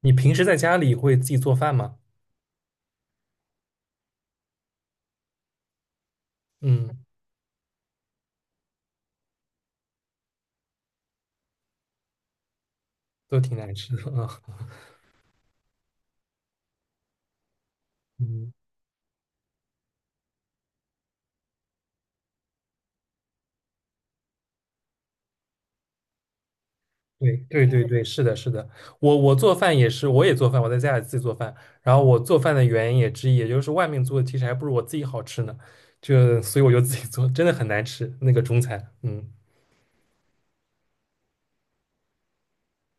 你平时在家里会自己做饭吗？嗯，都挺难吃的啊。嗯，对对对对，是的，是的。我做饭也是，我也做饭，我在家里自己做饭。然后我做饭的原因也之一，也就是外面做的其实还不如我自己好吃呢。就所以我就自己做，真的很难吃那个中餐。嗯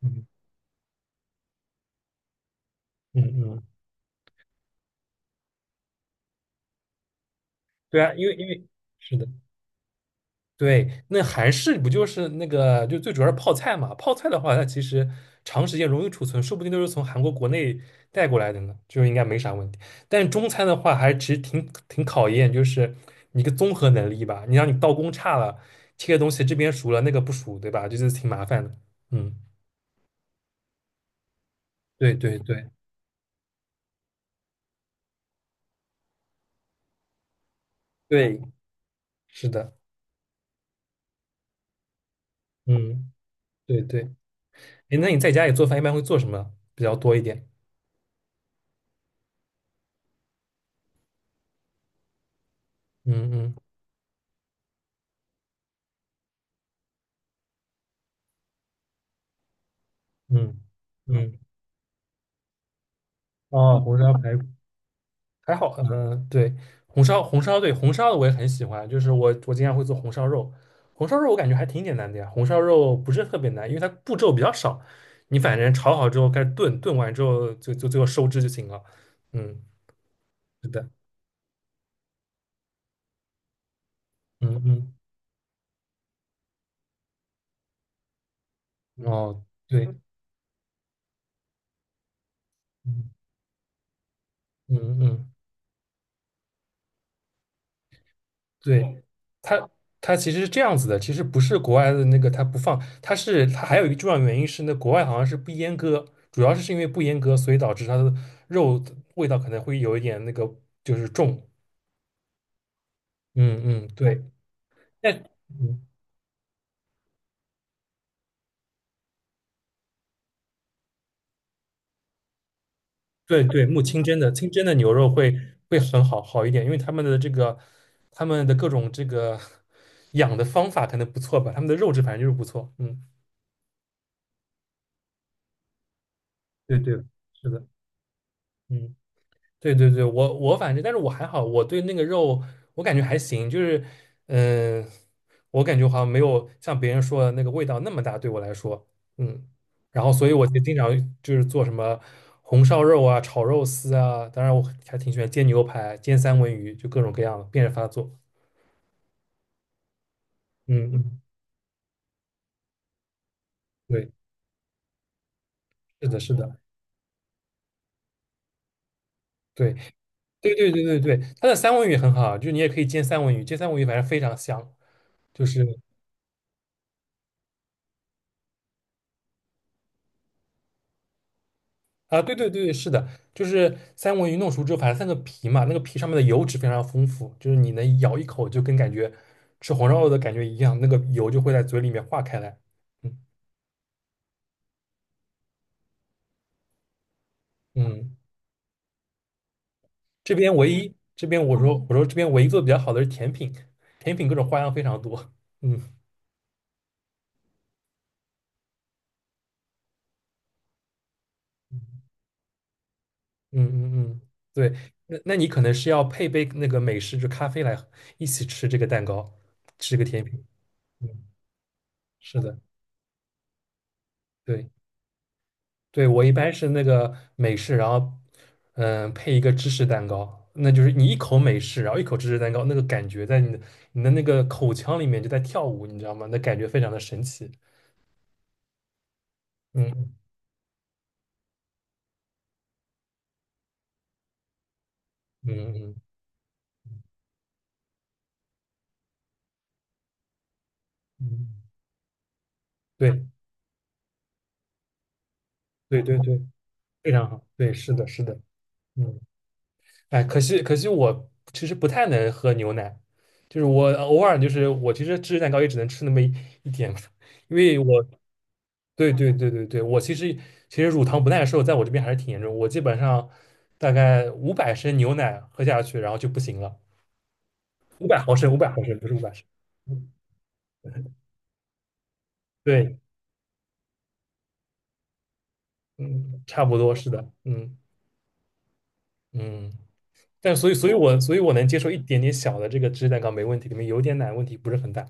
嗯嗯嗯，对啊，因为是的。对，那韩式不就是那个，就最主要是泡菜嘛？泡菜的话，它其实长时间容易储存，说不定都是从韩国国内带过来的呢，就应该没啥问题。但中餐的话，还其实挺考验，就是你一个综合能力吧。你让你刀工差了，切的东西这边熟了，那个不熟，对吧？就是挺麻烦的。嗯，对对对对，是的，嗯，对对。哎，那你在家里做饭一般会做什么比较多一点？嗯嗯嗯嗯，啊，红烧排骨。还好，嗯，对，红烧，对红烧的我也很喜欢，就是我经常会做红烧肉，红烧肉我感觉还挺简单的呀，红烧肉不是特别难，因为它步骤比较少，你反正炒好之后开始炖，炖完之后就最后收汁就行了，嗯，是的，嗯嗯，哦，对，嗯嗯嗯。对，它它其实是这样子的，其实不是国外的那个它不放，它是它还有一个重要原因是那国外好像是不阉割，主要是因为不阉割，所以导致它的肉的味道可能会有一点那个就是重。嗯嗯，对，但嗯对对，木清真的清真的牛肉会会很好一点，因为他们的这个他们的各种这个养的方法可能不错吧，他们的肉质反正就是不错。嗯，对对，是的，嗯。对对对，我反正，但是我还好，我对那个肉我感觉还行，就是，嗯、我感觉好像没有像别人说的那个味道那么大，对我来说，嗯，然后所以我就经常就是做什么红烧肉啊、炒肉丝啊，当然我还挺喜欢煎牛排、煎三文鱼，就各种各样的变着法做，嗯嗯，对，是的，是的，对对对对对对，它的三文鱼也很好，就是你也可以煎三文鱼，煎三文鱼反正非常香，就是。啊，对对对，是的，就是三文鱼弄熟之后，反正三个皮嘛，那个皮上面的油脂非常丰富，就是你能咬一口就跟感觉吃红烧肉的感觉一样，那个油就会在嘴里面化开来。嗯嗯，这边唯一我说这边唯一做的比较好的是甜品，甜品各种花样非常多。嗯嗯嗯嗯，对，那你可能是要配杯那个美式就咖啡来一起吃这个蛋糕，吃这个甜品。嗯，是的，对。对，我一般是那个美式，然后嗯配一个芝士蛋糕，那就是你一口美式，然后一口芝士蛋糕，那个感觉在你的那个口腔里面就在跳舞，你知道吗？那感觉非常的神奇。嗯嗯嗯嗯，嗯对对对对，非常好。对，是的，是的，嗯。哎，可惜可惜，我其实不太能喝牛奶，就是我偶尔就是我其实芝士蛋糕也只能吃那么一点嘛 因为我对对对对对，我其实乳糖不耐受在我这边还是挺严重，我基本上大概五百升牛奶喝下去，然后就不行了，五百毫升，五百毫升不是五百升，对，嗯，差不多是的，嗯嗯，但所以我能接受一点点小的这个芝士蛋糕没问题，里面有点奶问题不是很大，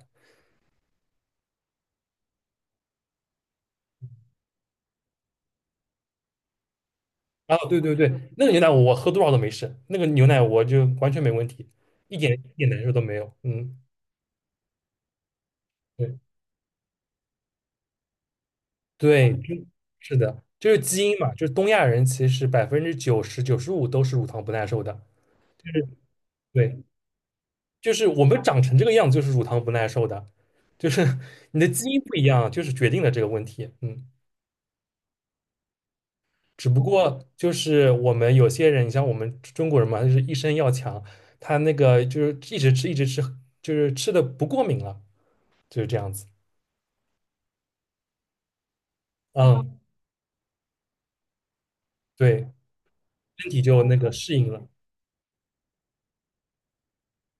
啊，对对对，那个牛奶我喝多少都没事，那个牛奶我就完全没问题，一点难受都没有。嗯，对对，真是的，就是基因嘛，就是东亚人其实百分之九十九十五都是乳糖不耐受的，就是对，就是我们长成这个样子就是乳糖不耐受的，就是 你的基因不一样，就是决定了这个问题。嗯，只不过就是我们有些人，你像我们中国人嘛，他就是一身要强，他那个就是一直吃，就是吃的不过敏了，就是这样子。嗯，对，身体就那个适应了。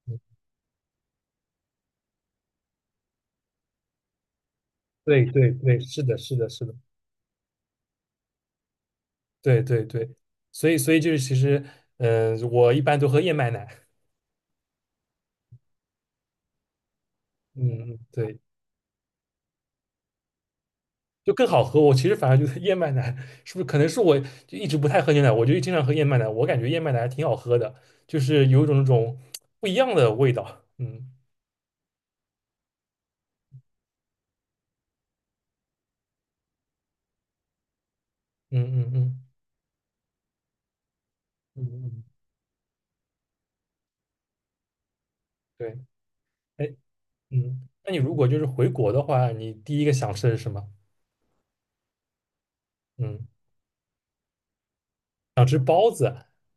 嗯对对对，是的，是的，是的，对对对，所以就是其实，嗯、我一般都喝燕麦奶，嗯嗯，对，就更好喝。我其实反而觉得燕麦奶是不是可能是我就一直不太喝牛奶，我就经常喝燕麦奶，我感觉燕麦奶还挺好喝的，就是有一种那种不一样的味道。嗯嗯嗯嗯嗯嗯，对，哎，嗯，那你如果就是回国的话，你第一个想吃的是什么？嗯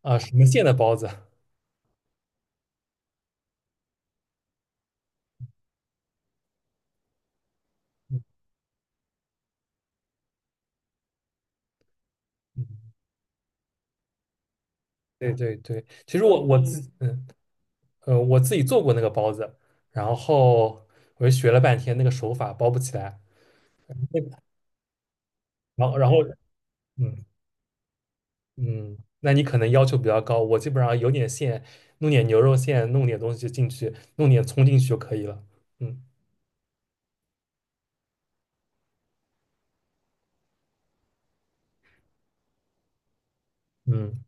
啊，什么馅的包子？嗯嗯。对对对，其实我我自嗯，嗯我自己做过那个包子，然后我就学了半天那个手法包不起来，然后嗯嗯，那你可能要求比较高，我基本上有点馅，弄点牛肉馅，弄点东西进去，弄点葱进去就可以了。嗯嗯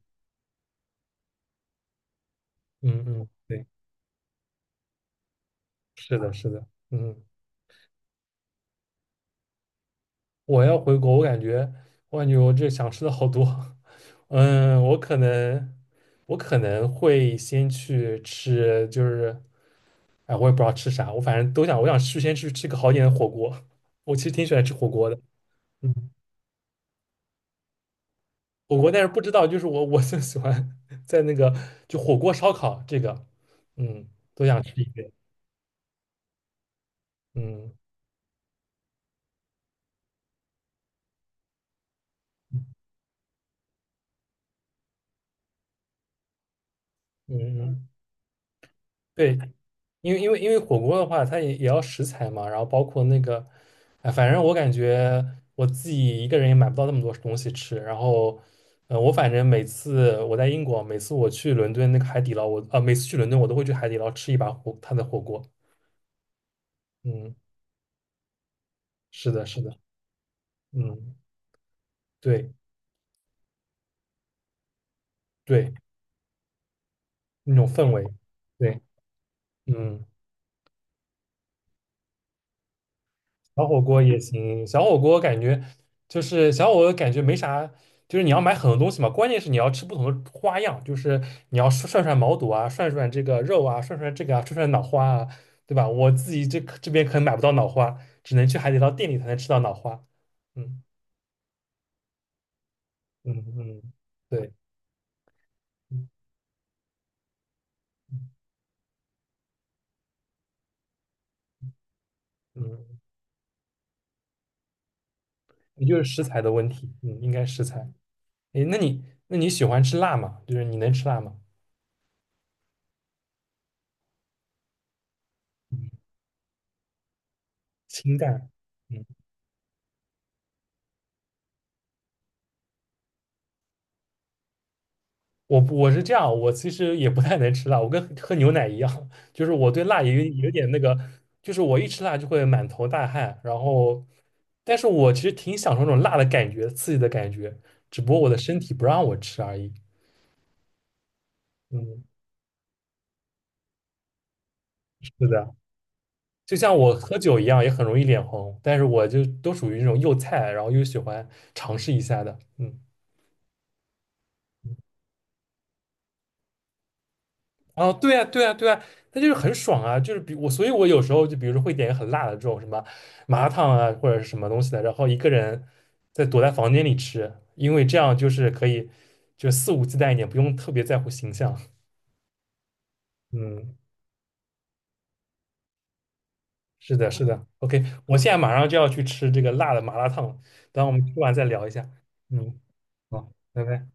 嗯嗯，对，是的是的，嗯，我要回国，我感觉我这想吃的好多，嗯，我可能会先去吃就是。哎，我也不知道吃啥，我反正都想，我想去先去吃个好一点的火锅。我其实挺喜欢吃火锅的，嗯，火锅，但是不知道，就是我最喜欢 在那个就火锅烧烤这个，嗯，都想吃一遍，嗯嗯嗯。嗯对，因为火锅的话，它也要食材嘛，然后包括那个，哎，反正我感觉我自己一个人也买不到那么多东西吃。然后，我反正每次我在英国，每次我去伦敦那个海底捞，我啊、每次去伦敦我都会去海底捞吃一把火，它的火锅。嗯，是的，是的，嗯，对对，那种氛围，对，嗯。小火锅也行，小火锅感觉没啥，就是你要买很多东西嘛，关键是你要吃不同的花样，就是你要涮涮毛肚啊，涮涮这个肉啊，涮涮这个啊，涮涮脑花啊，对吧？我自己这边可能买不到脑花，只能去海底捞店里才能吃到脑花。嗯嗯嗯，对，嗯，嗯也就是食材的问题，嗯，应该食材。诶，那你喜欢吃辣吗？就是你能吃辣吗？嗯，清淡。嗯。我不我是这样，我其实也不太能吃辣，我跟喝牛奶一样，就是我对辣也有点那个，就是我一吃辣就会满头大汗，然后，但是我其实挺享受那种辣的感觉，刺激的感觉，只不过我的身体不让我吃而已。嗯，是的，就像我喝酒一样，也很容易脸红，但是我就都属于那种又菜，然后又喜欢尝试一下的。嗯。哦，对啊，对啊，对啊，那就是很爽啊，就是比我，所以我有时候就比如说会点一个很辣的这种什么麻辣烫啊，或者是什么东西的，然后一个人在躲在房间里吃，因为这样就是可以就肆无忌惮一点，不用特别在乎形象。嗯，是的，是的，OK，我现在马上就要去吃这个辣的麻辣烫了，等我们吃完再聊一下。嗯，好，拜拜。